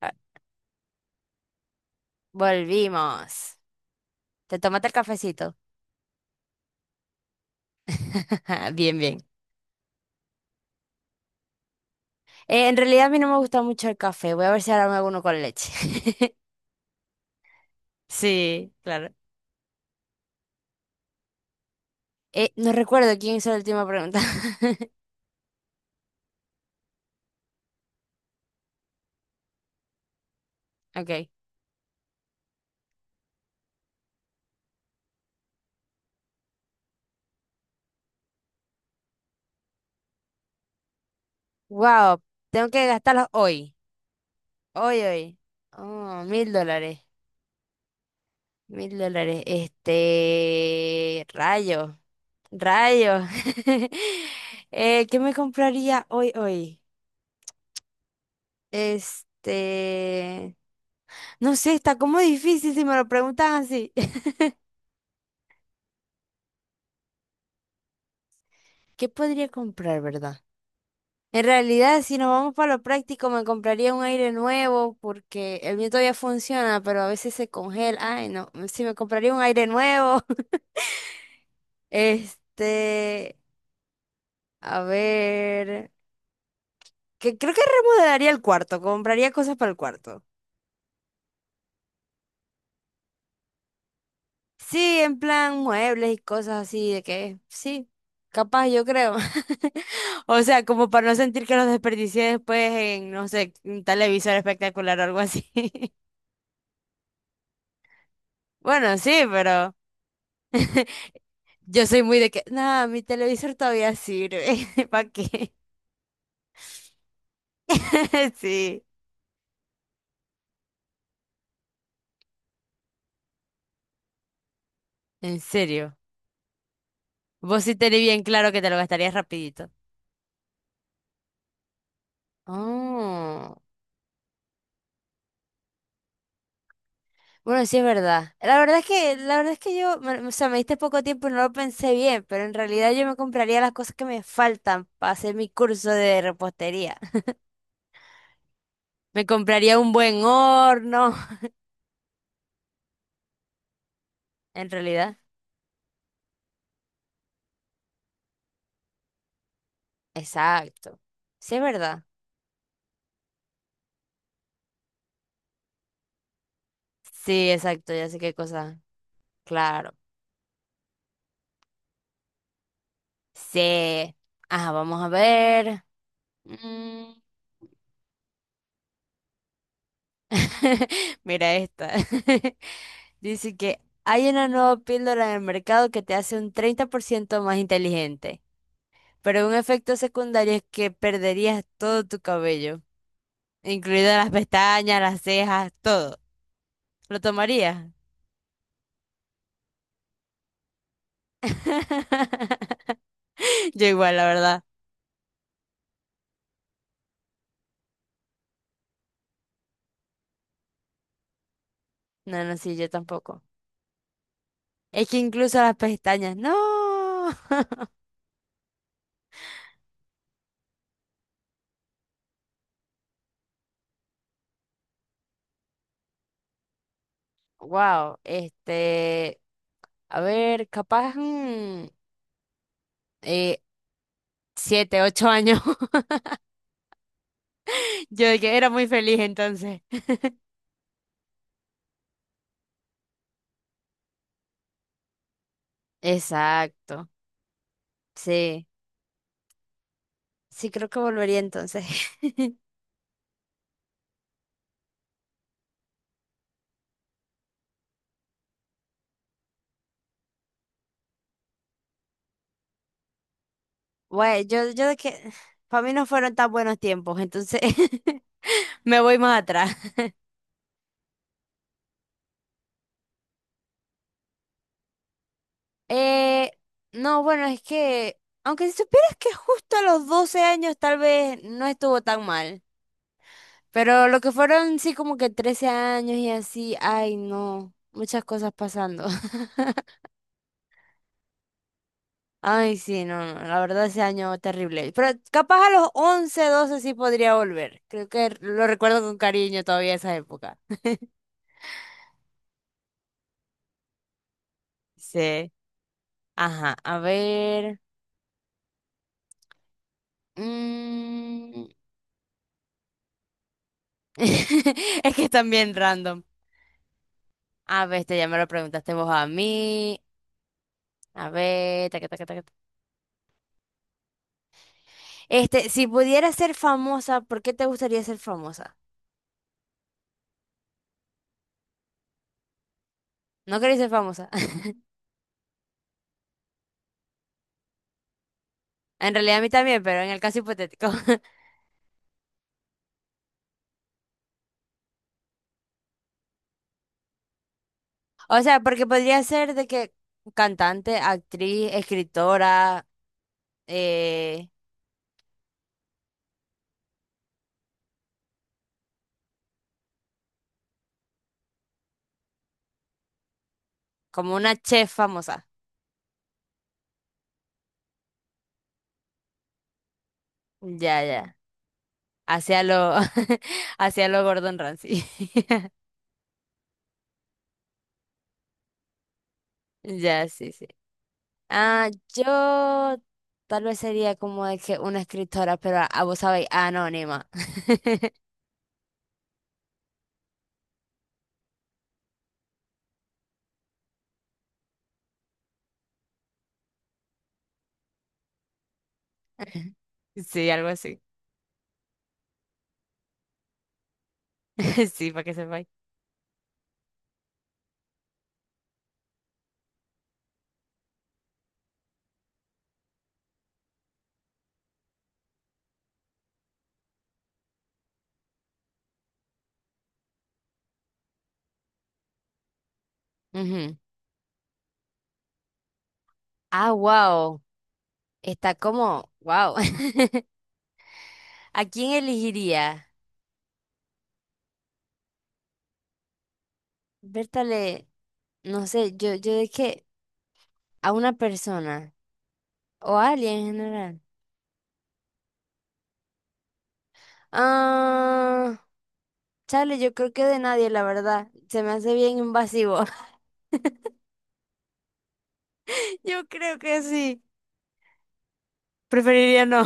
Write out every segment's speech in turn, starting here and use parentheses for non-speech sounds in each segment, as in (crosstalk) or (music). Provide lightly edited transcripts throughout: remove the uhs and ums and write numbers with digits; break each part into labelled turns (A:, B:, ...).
A: Ah, volvimos. ¿Te tomaste el cafecito? (laughs) Bien, bien. En realidad a mí no me gusta mucho el café. Voy a ver si ahora me hago uno con leche. (laughs) Sí, claro. No recuerdo quién hizo la última pregunta. (laughs) Ok. Wow, tengo que gastarlos hoy. Hoy, hoy. Oh, mil dólares. Mil dólares. Este. Rayo. Rayo. (laughs) ¿Qué me compraría hoy, hoy? Este. No sé, está como difícil si me lo preguntan así. (laughs) ¿Qué podría comprar, verdad? En realidad, si nos vamos para lo práctico, me compraría un aire nuevo porque el mío todavía funciona, pero a veces se congela. Ay, no, si me compraría un aire nuevo. (laughs) Este, a ver, que creo que remodelaría el cuarto, compraría cosas para el cuarto. Sí, en plan muebles y cosas así, de que sí, capaz yo creo. (laughs) O sea, como para no sentir que los desperdicié después en, no sé, un televisor espectacular o algo así. (laughs) Bueno, sí, pero (laughs) yo soy muy de que, no, mi televisor todavía sirve. (laughs) ¿Para qué? (laughs) Sí, en serio. Vos sí tenés bien claro que te lo gastarías rapidito. Oh. Bueno, sí es verdad. La verdad es que, la verdad es que yo, me- o sea, me diste poco tiempo y no lo pensé bien, pero en realidad yo me compraría las cosas que me faltan para hacer mi curso de repostería. (laughs) Me compraría un buen horno, en realidad. Exacto. Sí es verdad. Sí, exacto, ya sé qué cosa. Claro. Sí. Ah, vamos a ver. Mm. (laughs) Mira esta. (laughs) Dice que hay una nueva píldora en el mercado que te hace un 30% más inteligente. Pero un efecto secundario es que perderías todo tu cabello, incluidas las pestañas, las cejas, todo. ¿Lo tomarías? (laughs) Yo igual, la verdad. No, no, sí, yo tampoco. Es que incluso las pestañas, no. (laughs) Wow, este, a ver, capaz, eh, 7, 8 años. (laughs) Yo de que era muy feliz entonces. (laughs) Exacto, sí, sí creo que volvería entonces. (laughs) Bueno, yo de que para mí no fueron tan buenos tiempos, entonces (laughs) me voy más atrás. Eh, no, bueno, es que, aunque si supieras que justo a los 12 años tal vez no estuvo tan mal, pero lo que fueron sí como que 13 años y así, ay no, muchas cosas pasando. (laughs) Ay sí, no, no, la verdad ese año terrible, pero capaz a los 11 12 sí podría volver, creo que lo recuerdo con cariño todavía esa época. Sí, ajá, a ver. Mm. (laughs) Es que están bien random. A ver, este ya me lo preguntaste vos a mí. A ver, taca, taca, taca. Este, si pudieras ser famosa, ¿por qué te gustaría ser famosa? No querés ser famosa. (laughs) En realidad a mí también, pero en el caso hipotético. (laughs) O sea, porque podría ser de que cantante, actriz, escritora, eh, como una chef famosa. Ya, ya. Hacia lo, (laughs) hacia lo Gordon Ramsay. (laughs) Ya, sí, sí. Ah, yo tal vez sería como de que una escritora, pero a vos sabéis, anónima. (laughs) Sí, algo así. (laughs) Sí, para que sepáis. Ujú. Ah, wow. Está como, wow. (laughs) ¿A quién elegiría? Bertale, no sé, yo de que a una persona o a alguien en general. Ah, chale, yo creo que de nadie, la verdad. Se me hace bien invasivo. (laughs) Yo creo que sí. Preferiría no.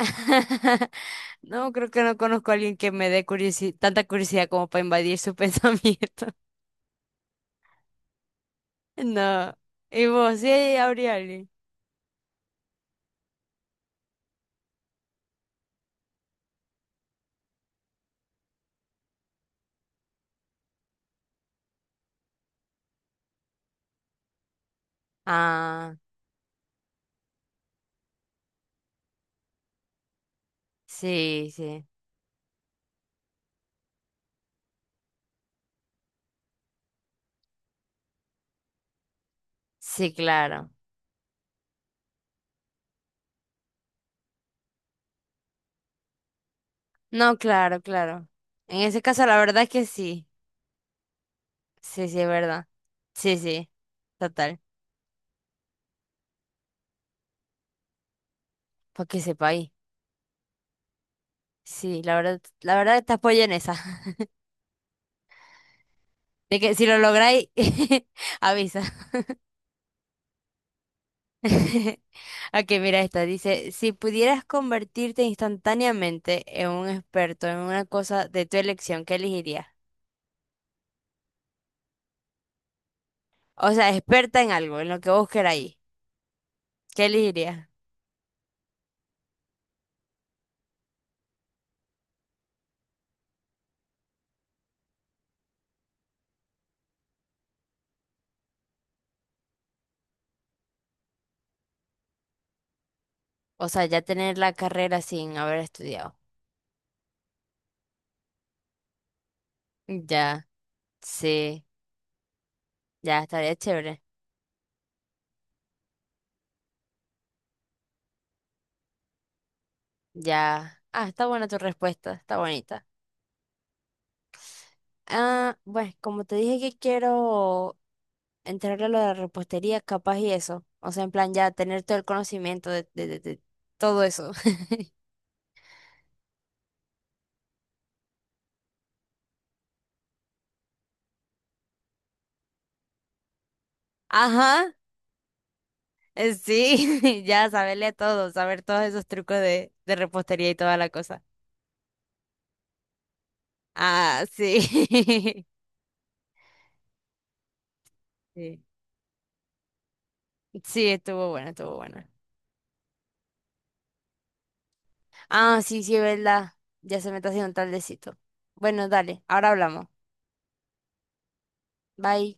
A: (laughs) No, creo que no conozco a alguien que me dé curiosi- tanta curiosidad como para invadir su (laughs) pensamiento. No. ¿Y vos? Sí, habría alguien. Ah, sí, sí. Sí, claro. No, claro, claro. En ese caso, la verdad es que sí. Sí, sí, es verdad. Sí, sí. Total. Para que sepa ahí. Sí, la verdad te apoyo en esa. (laughs) De que si lo lográis, (laughs) avisa. (laughs) Ok, mira esta. Dice, si pudieras convertirte instantáneamente en un experto en una cosa de tu elección, ¿qué elegirías? O sea, experta en algo, en lo que vos queráis. ¿Qué elegirías? O sea, ya tener la carrera sin haber estudiado. Ya, sí, ya estaría chévere. Ya. Ah, está buena tu respuesta, está bonita. Ah, bueno, como te dije que quiero entrarle a lo de la repostería, capaz y eso. O sea, en plan, ya tener todo el conocimiento de, de todo eso. Ajá, sí, (laughs) ya saberle a todo, saber todos esos trucos de repostería y toda la cosa. Ah, sí. (laughs) Sí, sí, estuvo bueno, estuvo bueno. Ah, sí, sí, es verdad. Ya se me está haciendo tardecito. Bueno, dale, ahora hablamos. Bye.